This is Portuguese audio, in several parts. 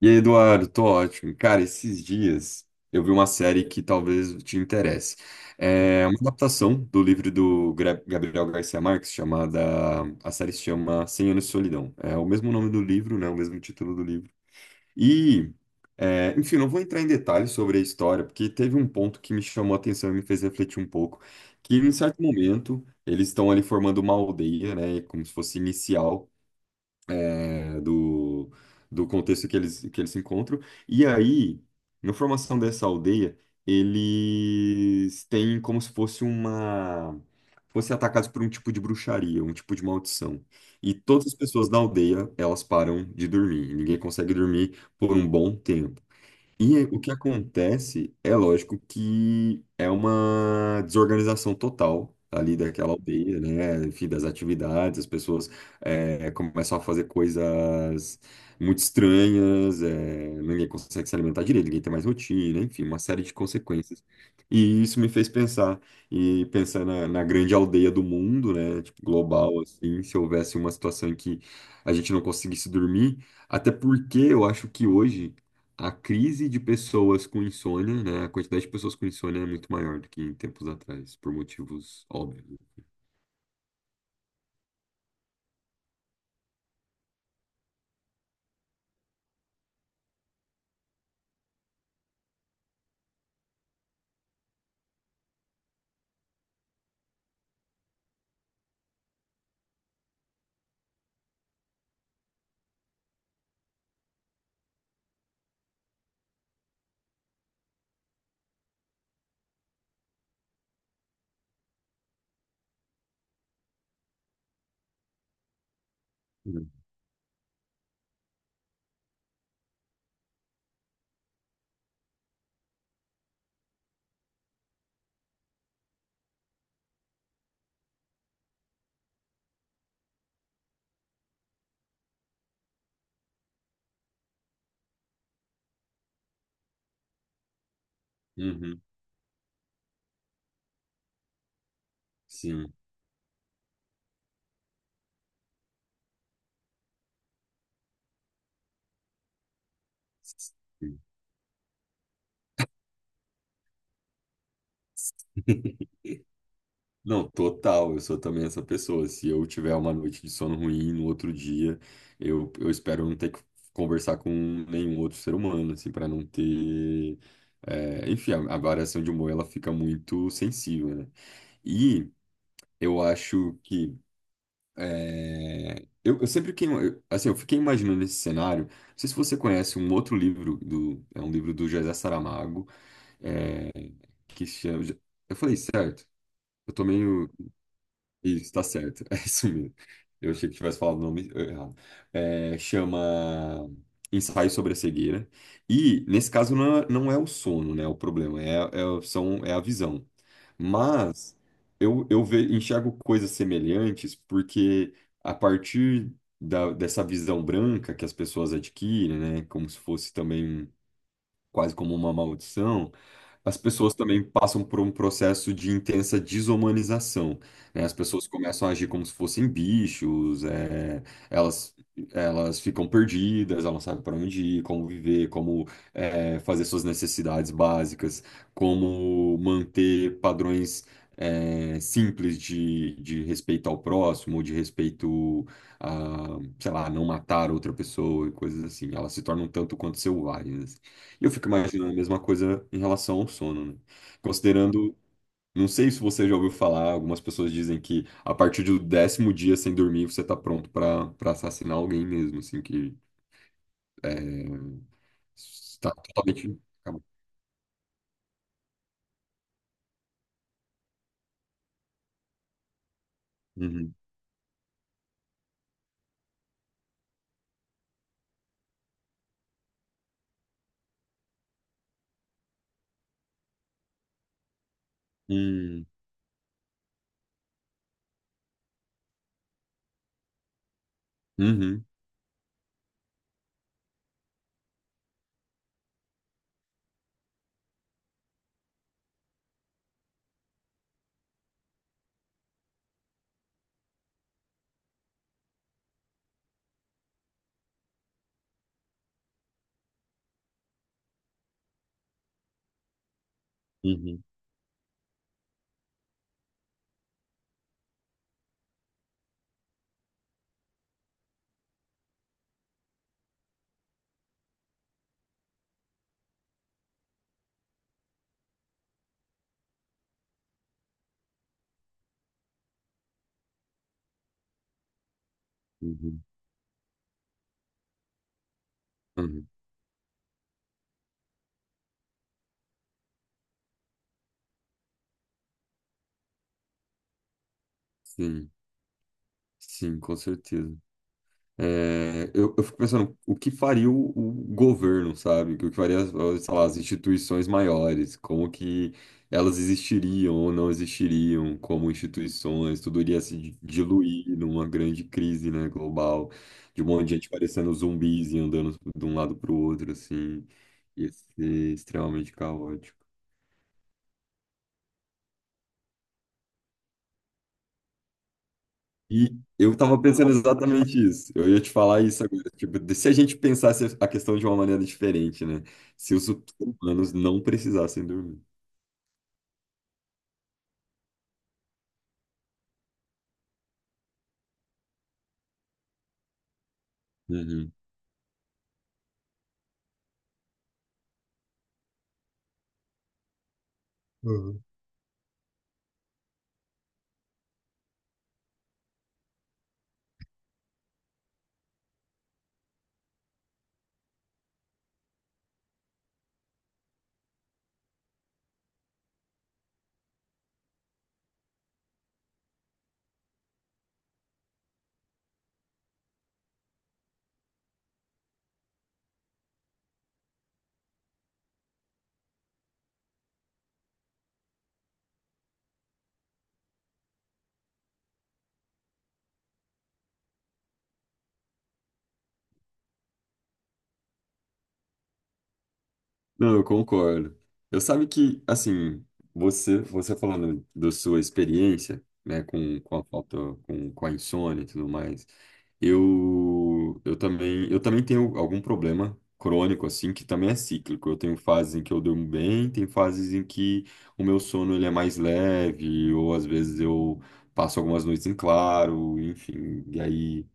E aí, Eduardo, tô ótimo. Cara, esses dias eu vi uma série que talvez te interesse. É uma adaptação do livro do Gabriel Garcia Marques. Chamada. A série se chama Cem Anos de Solidão. É o mesmo nome do livro, né? O mesmo título do livro. E, enfim, não vou entrar em detalhes sobre a história, porque teve um ponto que me chamou a atenção e me fez refletir um pouco, que em certo momento eles estão ali formando uma aldeia, né? Como se fosse inicial é, do, do contexto que eles se encontram. E aí, na formação dessa aldeia, eles têm como se fosse uma, fossem atacados por um tipo de bruxaria, um tipo de maldição. E todas as pessoas da aldeia, elas param de dormir. Ninguém consegue dormir por um bom tempo. E o que acontece é lógico que é uma desorganização total ali daquela aldeia, né? Enfim, das atividades, as pessoas começam a fazer coisas muito estranhas, ninguém consegue se alimentar direito, ninguém tem mais rotina, enfim, uma série de consequências. E isso me fez pensar, e pensar na grande aldeia do mundo, né? Tipo, global, assim, se houvesse uma situação em que a gente não conseguisse dormir, até porque eu acho que hoje a crise de pessoas com insônia, né? A quantidade de pessoas com insônia é muito maior do que em tempos atrás, por motivos óbvios. Uhum. Uhum. Sim. Sim. Não, total, eu sou também essa pessoa. Se eu tiver uma noite de sono ruim no outro dia, eu espero não ter que conversar com nenhum outro ser humano, assim, para não ter. Enfim, a variação de humor ela fica muito sensível, né? E eu acho que. Eu sempre fiquei, assim, eu fiquei imaginando esse cenário. Não sei se você conhece um outro livro do, é um livro do José Saramago, é, que se chama. Eu falei certo? Eu tô meio, isso, tá certo. É isso mesmo. Eu achei que tivesse falado o nome errado. É, chama Ensaio sobre a Cegueira. E, nesse caso, não é o sono, né? O problema são, é a visão. Mas eu enxergo coisas semelhantes porque, a partir dessa visão branca que as pessoas adquirem, né? Como se fosse também quase como uma maldição. As pessoas também passam por um processo de intensa desumanização, né? As pessoas começam a agir como se fossem bichos. É, elas, elas ficam perdidas, elas não sabem para onde ir, como viver, como fazer suas necessidades básicas, como manter padrões simples de respeito ao próximo, de respeito a, sei lá, não matar outra pessoa e coisas assim. Elas se tornam tanto quanto selvagens. E eu fico imaginando a mesma coisa em relação ao sono, né? Considerando, não sei se você já ouviu falar, algumas pessoas dizem que a partir do décimo dia sem dormir você tá pronto pra para assassinar alguém mesmo, assim, que é, está totalmente. Acabou. Uhum. Hum. Uhum. Uhum. Uhum. Uhum. Sim, sim, com certeza. É, eu fico pensando o que faria o governo, sabe? O que faria, sei lá, as instituições maiores, como que elas existiriam ou não existiriam como instituições, tudo iria se diluir numa grande crise, né, global, de um monte de gente parecendo zumbis e andando de um lado para o outro, assim, ia ser extremamente caótico. E eu estava pensando exatamente isso. Eu ia te falar isso agora. Tipo, se a gente pensasse a questão de uma maneira diferente, né? Se os humanos não precisassem dormir. Uhum. Não, eu concordo. Eu sabe que, assim, você falando da sua experiência, né, com a falta, com a insônia e tudo mais, eu também tenho algum problema crônico, assim, que também é cíclico. Eu tenho fases em que eu durmo bem, tem fases em que o meu sono, ele é mais leve, ou às vezes eu passo algumas noites em claro, enfim, e aí,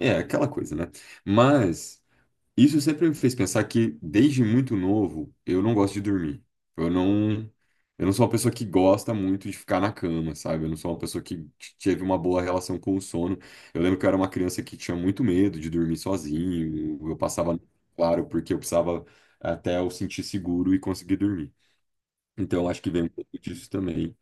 é aquela coisa, né? Mas. Isso sempre me fez pensar que, desde muito novo, eu não gosto de dormir. Eu não, eu não sou uma pessoa que gosta muito de ficar na cama, sabe? Eu não sou uma pessoa que teve uma boa relação com o sono. Eu lembro que eu era uma criança que tinha muito medo de dormir sozinho. Eu passava, claro, porque eu precisava até eu sentir seguro e conseguir dormir. Então, eu acho que vem um pouco disso também.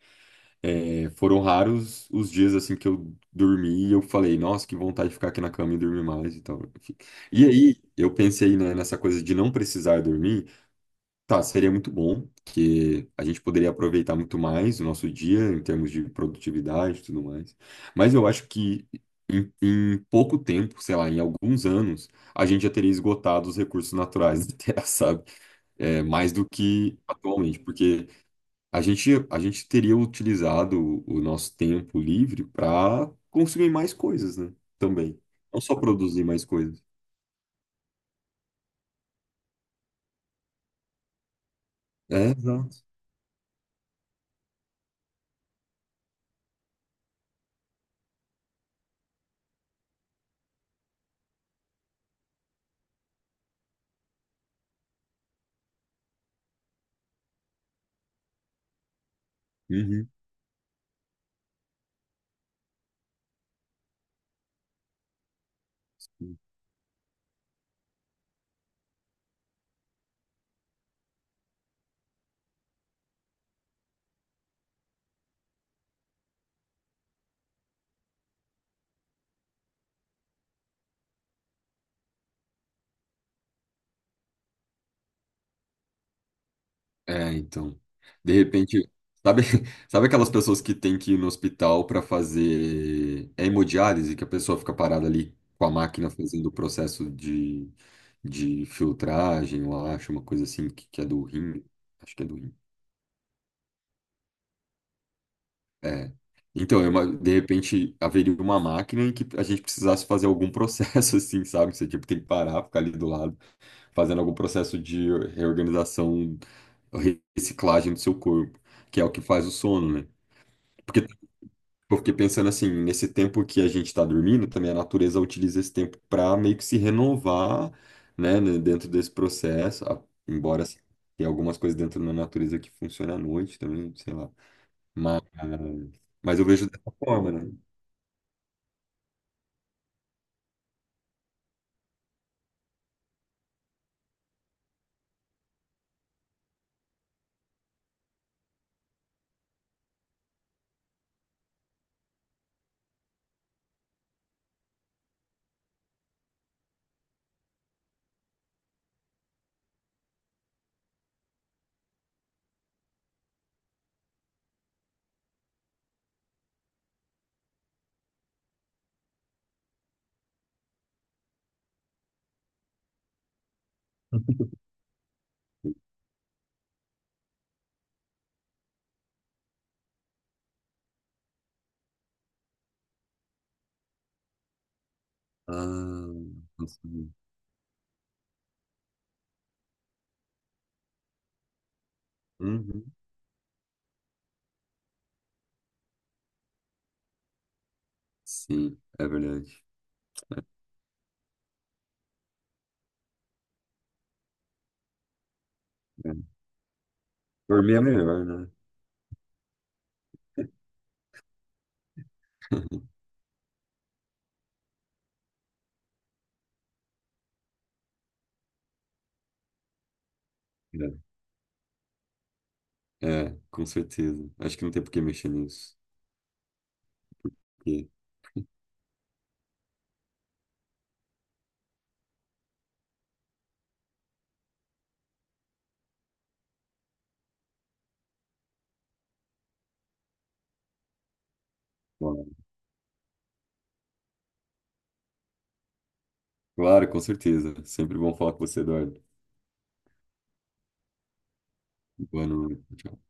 É, foram raros os dias assim que eu dormi e eu falei, nossa, que vontade de ficar aqui na cama e dormir mais e tal, enfim. E aí eu pensei, né, nessa coisa de não precisar dormir. Tá, seria muito bom, porque a gente poderia aproveitar muito mais o nosso dia em termos de produtividade e tudo mais. Mas eu acho que em pouco tempo, sei lá, em alguns anos, a gente já teria esgotado os recursos naturais da Terra, sabe? É, mais do que atualmente, porque a gente teria utilizado o nosso tempo livre para consumir mais coisas, né? Também. Não só produzir mais coisas. É, exato. Uhum. É, então. De repente, sabe, sabe aquelas pessoas que têm que ir no hospital para fazer hemodiálise, que a pessoa fica parada ali com a máquina fazendo o processo de filtragem, eu acho, uma coisa assim, que é do rim. Acho que é do rim. É. Então, de repente, haveria uma máquina em que a gente precisasse fazer algum processo, assim, sabe? Você, tipo, tem que parar, ficar ali do lado, fazendo algum processo de reorganização, reciclagem do seu corpo, que é o que faz o sono, né? Porque eu fiquei pensando assim, nesse tempo que a gente está dormindo, também a natureza utiliza esse tempo para meio que se renovar, né, dentro desse processo, embora assim, tenha algumas coisas dentro da natureza que funcionam à noite também, sei lá. Mas, mas eu vejo dessa forma, né? Ah, não sabia. Uhum. Sim, é verdade. É. Dormir é melhor, né? É, com certeza. Acho que não tem por que mexer nisso. Porque- Claro, claro, com certeza. Sempre bom falar com você, Eduardo. Boa noite. Tchau.